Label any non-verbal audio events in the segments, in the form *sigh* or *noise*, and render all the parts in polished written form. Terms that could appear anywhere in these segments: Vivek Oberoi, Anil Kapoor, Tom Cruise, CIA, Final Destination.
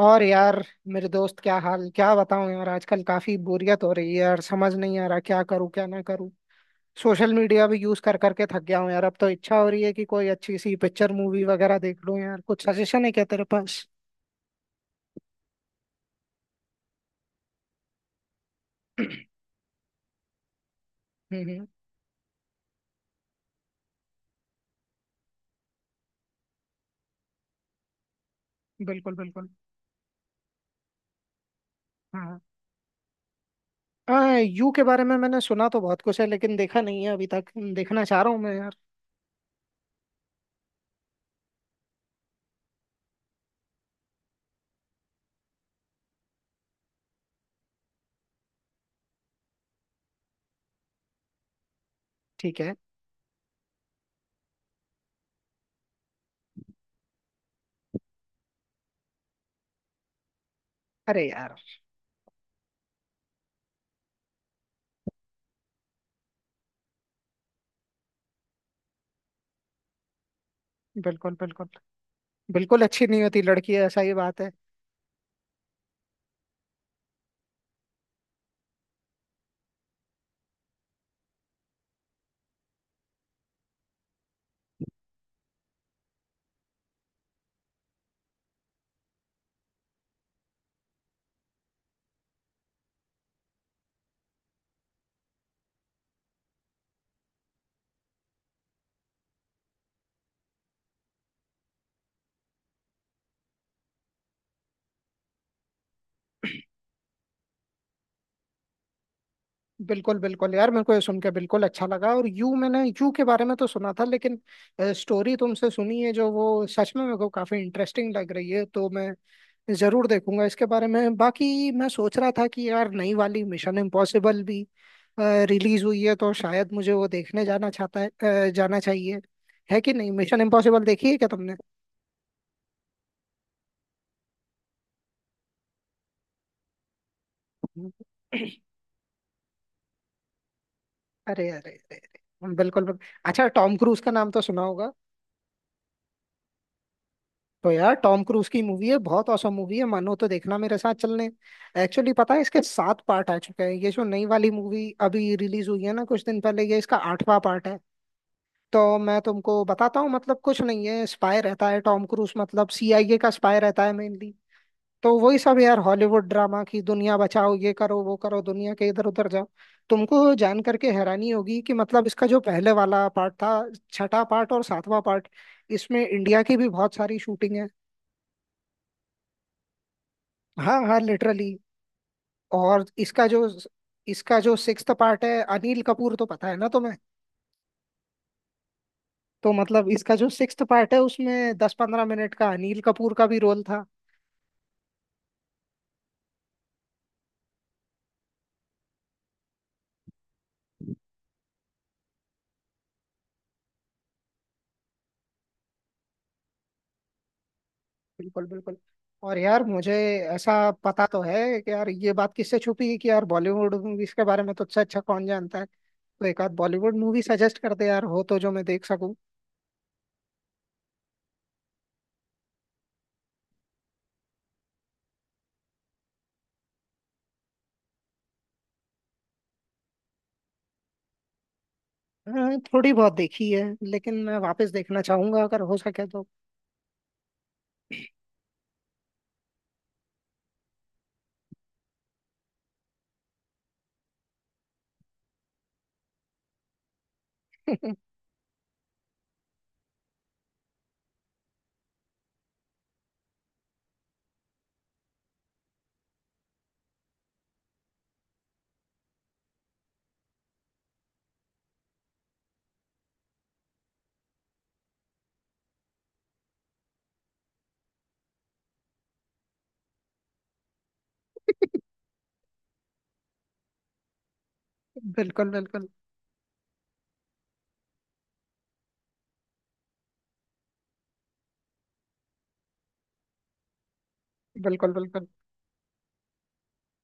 और यार मेरे दोस्त, क्या हाल? क्या बताऊं यार, आजकल काफी बोरियत हो रही है यार। समझ नहीं आ रहा क्या करूं क्या ना करूं। सोशल मीडिया भी यूज कर करके थक गया हूं यार। अब तो इच्छा हो रही है कि कोई अच्छी सी पिक्चर मूवी वगैरह देख लूं यार। कुछ सजेशन है क्या तेरे पास? *clears throat* हम्म। बिल्कुल बिल्कुल। हाँ। हाँ, यू के बारे में मैंने सुना तो बहुत कुछ है, लेकिन देखा नहीं है अभी तक। देखना चाह रहा हूँ मैं यार। ठीक है। अरे यार। बिल्कुल बिल्कुल। बिल्कुल अच्छी नहीं होती लड़की, है ऐसा ही बात है। बिल्कुल बिल्कुल यार, मेरे को ये सुन के बिल्कुल अच्छा लगा। और यू मैंने यू के बारे में तो सुना था, लेकिन स्टोरी तुमसे सुनी है जो, वो सच में मेरे को काफी इंटरेस्टिंग लग रही है। तो मैं जरूर देखूंगा इसके बारे में। बाकी मैं सोच रहा था कि यार नई वाली मिशन इम्पॉसिबल भी रिलीज हुई है, तो शायद मुझे वो देखने जाना चाहता है। जाना चाहिए, है कि नहीं? मिशन इम्पॉसिबल देखी है क्या तुमने? *clears throat* अरे अरे अरे अरे, बिल्कुल बिल्कुल। अच्छा, टॉम क्रूज का नाम तो सुना होगा। तो यार टॉम क्रूज की मूवी है, बहुत औसम मूवी है। मानो तो देखना मेरे साथ चलने। एक्चुअली पता है, इसके सात पार्ट आ चुके हैं, ये जो नई वाली मूवी अभी रिलीज हुई है ना कुछ दिन पहले, ये इसका आठवां पार्ट है। तो मैं तुमको बताता हूँ, मतलब कुछ नहीं है, स्पाई रहता है टॉम क्रूज, मतलब सीआईए का स्पाई रहता है मेनली। तो वही सब यार, हॉलीवुड ड्रामा की दुनिया बचाओ, ये करो वो करो, दुनिया के इधर उधर जाओ। तुमको जान करके हैरानी होगी कि, मतलब इसका जो पहले वाला पार्ट था, छठा पार्ट और सातवां पार्ट, इसमें इंडिया की भी बहुत सारी शूटिंग है। हाँ हाँ, लिटरली। और इसका जो इसका जो सिक्स्थ पार्ट है, अनिल कपूर तो पता है ना तुम्हें? तो मतलब इसका जो सिक्स्थ पार्ट है, उसमें 10-15 मिनट का अनिल कपूर का भी रोल था। बिल्कुल बिल्कुल। और यार मुझे ऐसा पता तो है कि यार, ये बात किससे छुपी है कि यार, बॉलीवुड मूवीज के बारे में तुझसे अच्छा अच्छा कौन जानता है? तो एक आध बॉलीवुड मूवी सजेस्ट कर दे यार, हो तो, जो मैं देख सकूं। हाँ, थोड़ी बहुत देखी है, लेकिन मैं वापस देखना चाहूंगा अगर हो सके तो। *laughs* बिल्कुल बिल्कुल। बिल्कुल बिल्कुल।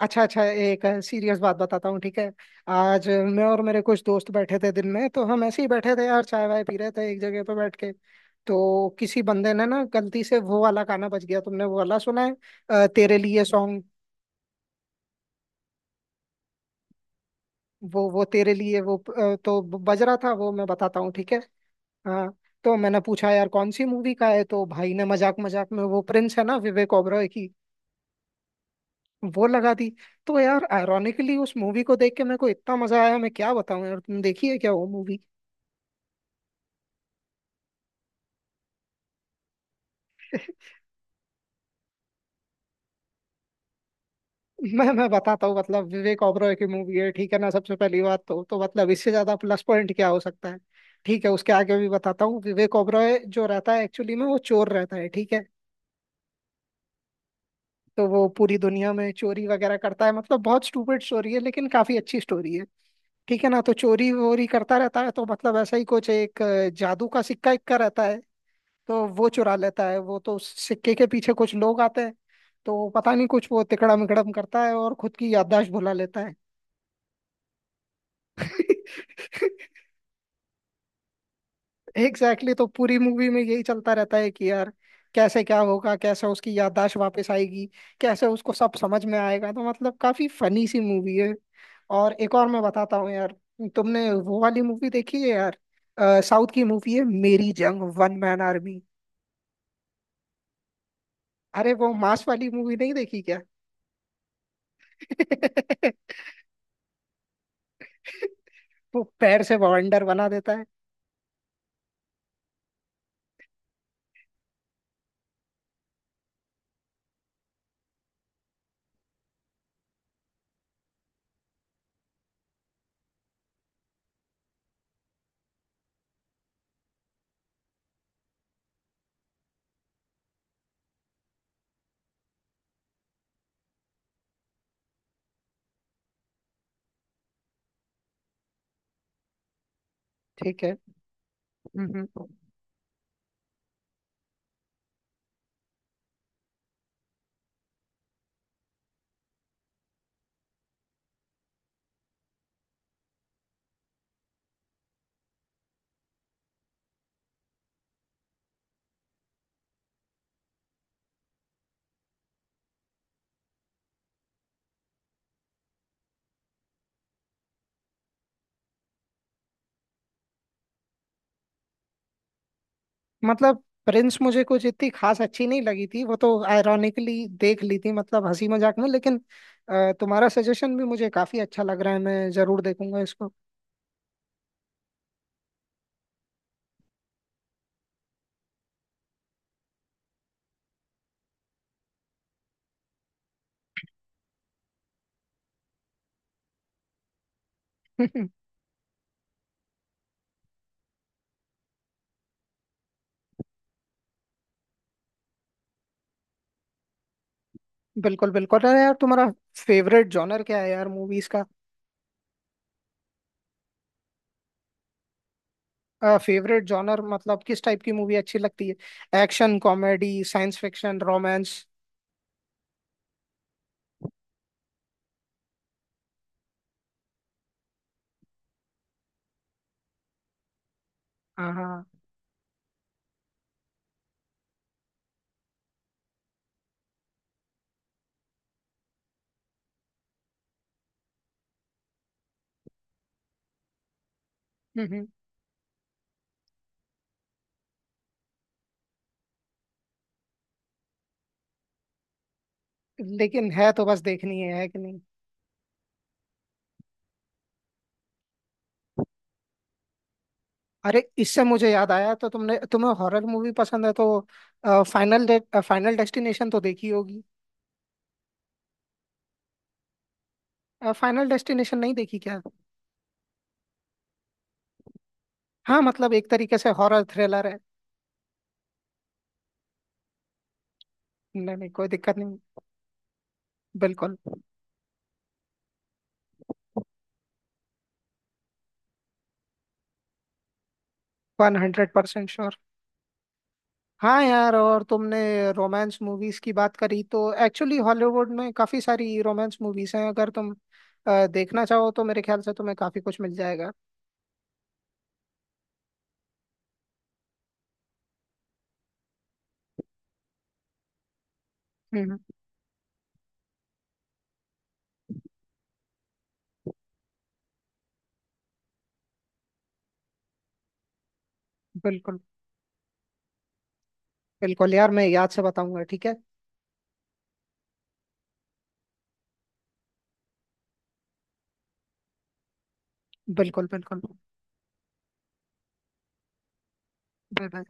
अच्छा अच्छा, एक सीरियस बात बताता हूँ, ठीक है? आज मैं और मेरे कुछ दोस्त बैठे थे दिन में, तो हम ऐसे ही बैठे थे यार, चाय वाय पी रहे थे एक जगह पे बैठ के। तो किसी बंदे ने ना गलती से वो वाला गाना बज गया, तुमने वो वाला सुना है? तेरे लिए सॉन्ग। वो तेरे लिए वो, तो बज रहा था वो, मैं बताता हूँ, ठीक है? हाँ। तो मैंने पूछा यार कौन सी मूवी का है, तो भाई ने मजाक मजाक में, वो प्रिंस है ना विवेक ओबरॉय की, वो लगा दी। तो यार आयरोनिकली उस मूवी को देख के मेरे को इतना मजा आया, मैं क्या बताऊं यार! तुम देखी है क्या वो मूवी? *laughs* मैं बताता हूँ, मतलब विवेक ओबरॉय की मूवी है, ठीक है ना? सबसे पहली बात तो मतलब इससे ज्यादा प्लस पॉइंट क्या हो सकता है? ठीक है, उसके आगे भी बताता हूँ, विवेक ओबरॉय जो रहता है एक्चुअली में, वो चोर रहता है, ठीक है? तो वो पूरी दुनिया में चोरी वगैरह करता है, मतलब बहुत स्टूपिड स्टोरी है, लेकिन काफी अच्छी स्टोरी है, ठीक है ना? तो चोरी वोरी करता रहता है, तो मतलब ऐसा ही कुछ एक जादू का सिक्का इक्का रहता है, तो वो चुरा लेता है वो, तो उस सिक्के के पीछे कुछ लोग आते हैं, तो पता नहीं कुछ वो तिकड़म विकड़म करता है, और खुद की याददाश्त भुला लेता है। एग्जैक्टली, तो पूरी मूवी में यही चलता रहता है कि यार, कैसे क्या होगा, कैसे उसकी याददाश्त वापस आएगी, कैसे उसको सब समझ में आएगा। तो मतलब काफी फनी सी मूवी है। और एक और मैं बताता हूँ यार, तुमने वो वाली मूवी देखी है यार, साउथ की मूवी है, Meri Jung one man army? अरे वो मांस वाली मूवी नहीं देखी क्या? *laughs* वो पैर से बवंडर बना देता है। ठीक है। हम्म, हम्म। मतलब प्रिंस मुझे कुछ इतनी खास अच्छी नहीं लगी थी, वो तो आयरॉनिकली देख ली थी मतलब हंसी मजाक में, लेकिन तुम्हारा सजेशन भी मुझे काफी अच्छा लग रहा है, मैं जरूर देखूंगा इसको। *laughs* बिल्कुल बिल्कुल। अरे यार, तुम्हारा फेवरेट जॉनर क्या है यार, मूवीज का? फेवरेट जॉनर मतलब किस टाइप की मूवी अच्छी लगती है? Action, comedy, science fiction, romance? हाँ हाँ। *laughs* हम्म, लेकिन है तो बस देखनी है कि? अरे इससे मुझे याद आया, तो तुमने, तुम्हें हॉरर मूवी पसंद है, तो फाइनल फाइनल डेस्टिनेशन तो देखी होगी। फाइनल डेस्टिनेशन नहीं देखी क्या? हाँ, मतलब एक तरीके से हॉरर थ्रिलर है। नहीं नहीं, कोई दिक्कत नहीं। बिल्कुल। 100% श्योर। हाँ यार, और तुमने रोमांस मूवीज की बात करी, तो एक्चुअली हॉलीवुड में काफी सारी रोमांस मूवीज हैं, अगर तुम देखना चाहो तो मेरे ख्याल से तुम्हें काफी कुछ मिल जाएगा। हम्म। बिल्कुल बिल्कुल यार, मैं याद से बताऊंगा, ठीक है? बिल्कुल बिल्कुल। Bye bye.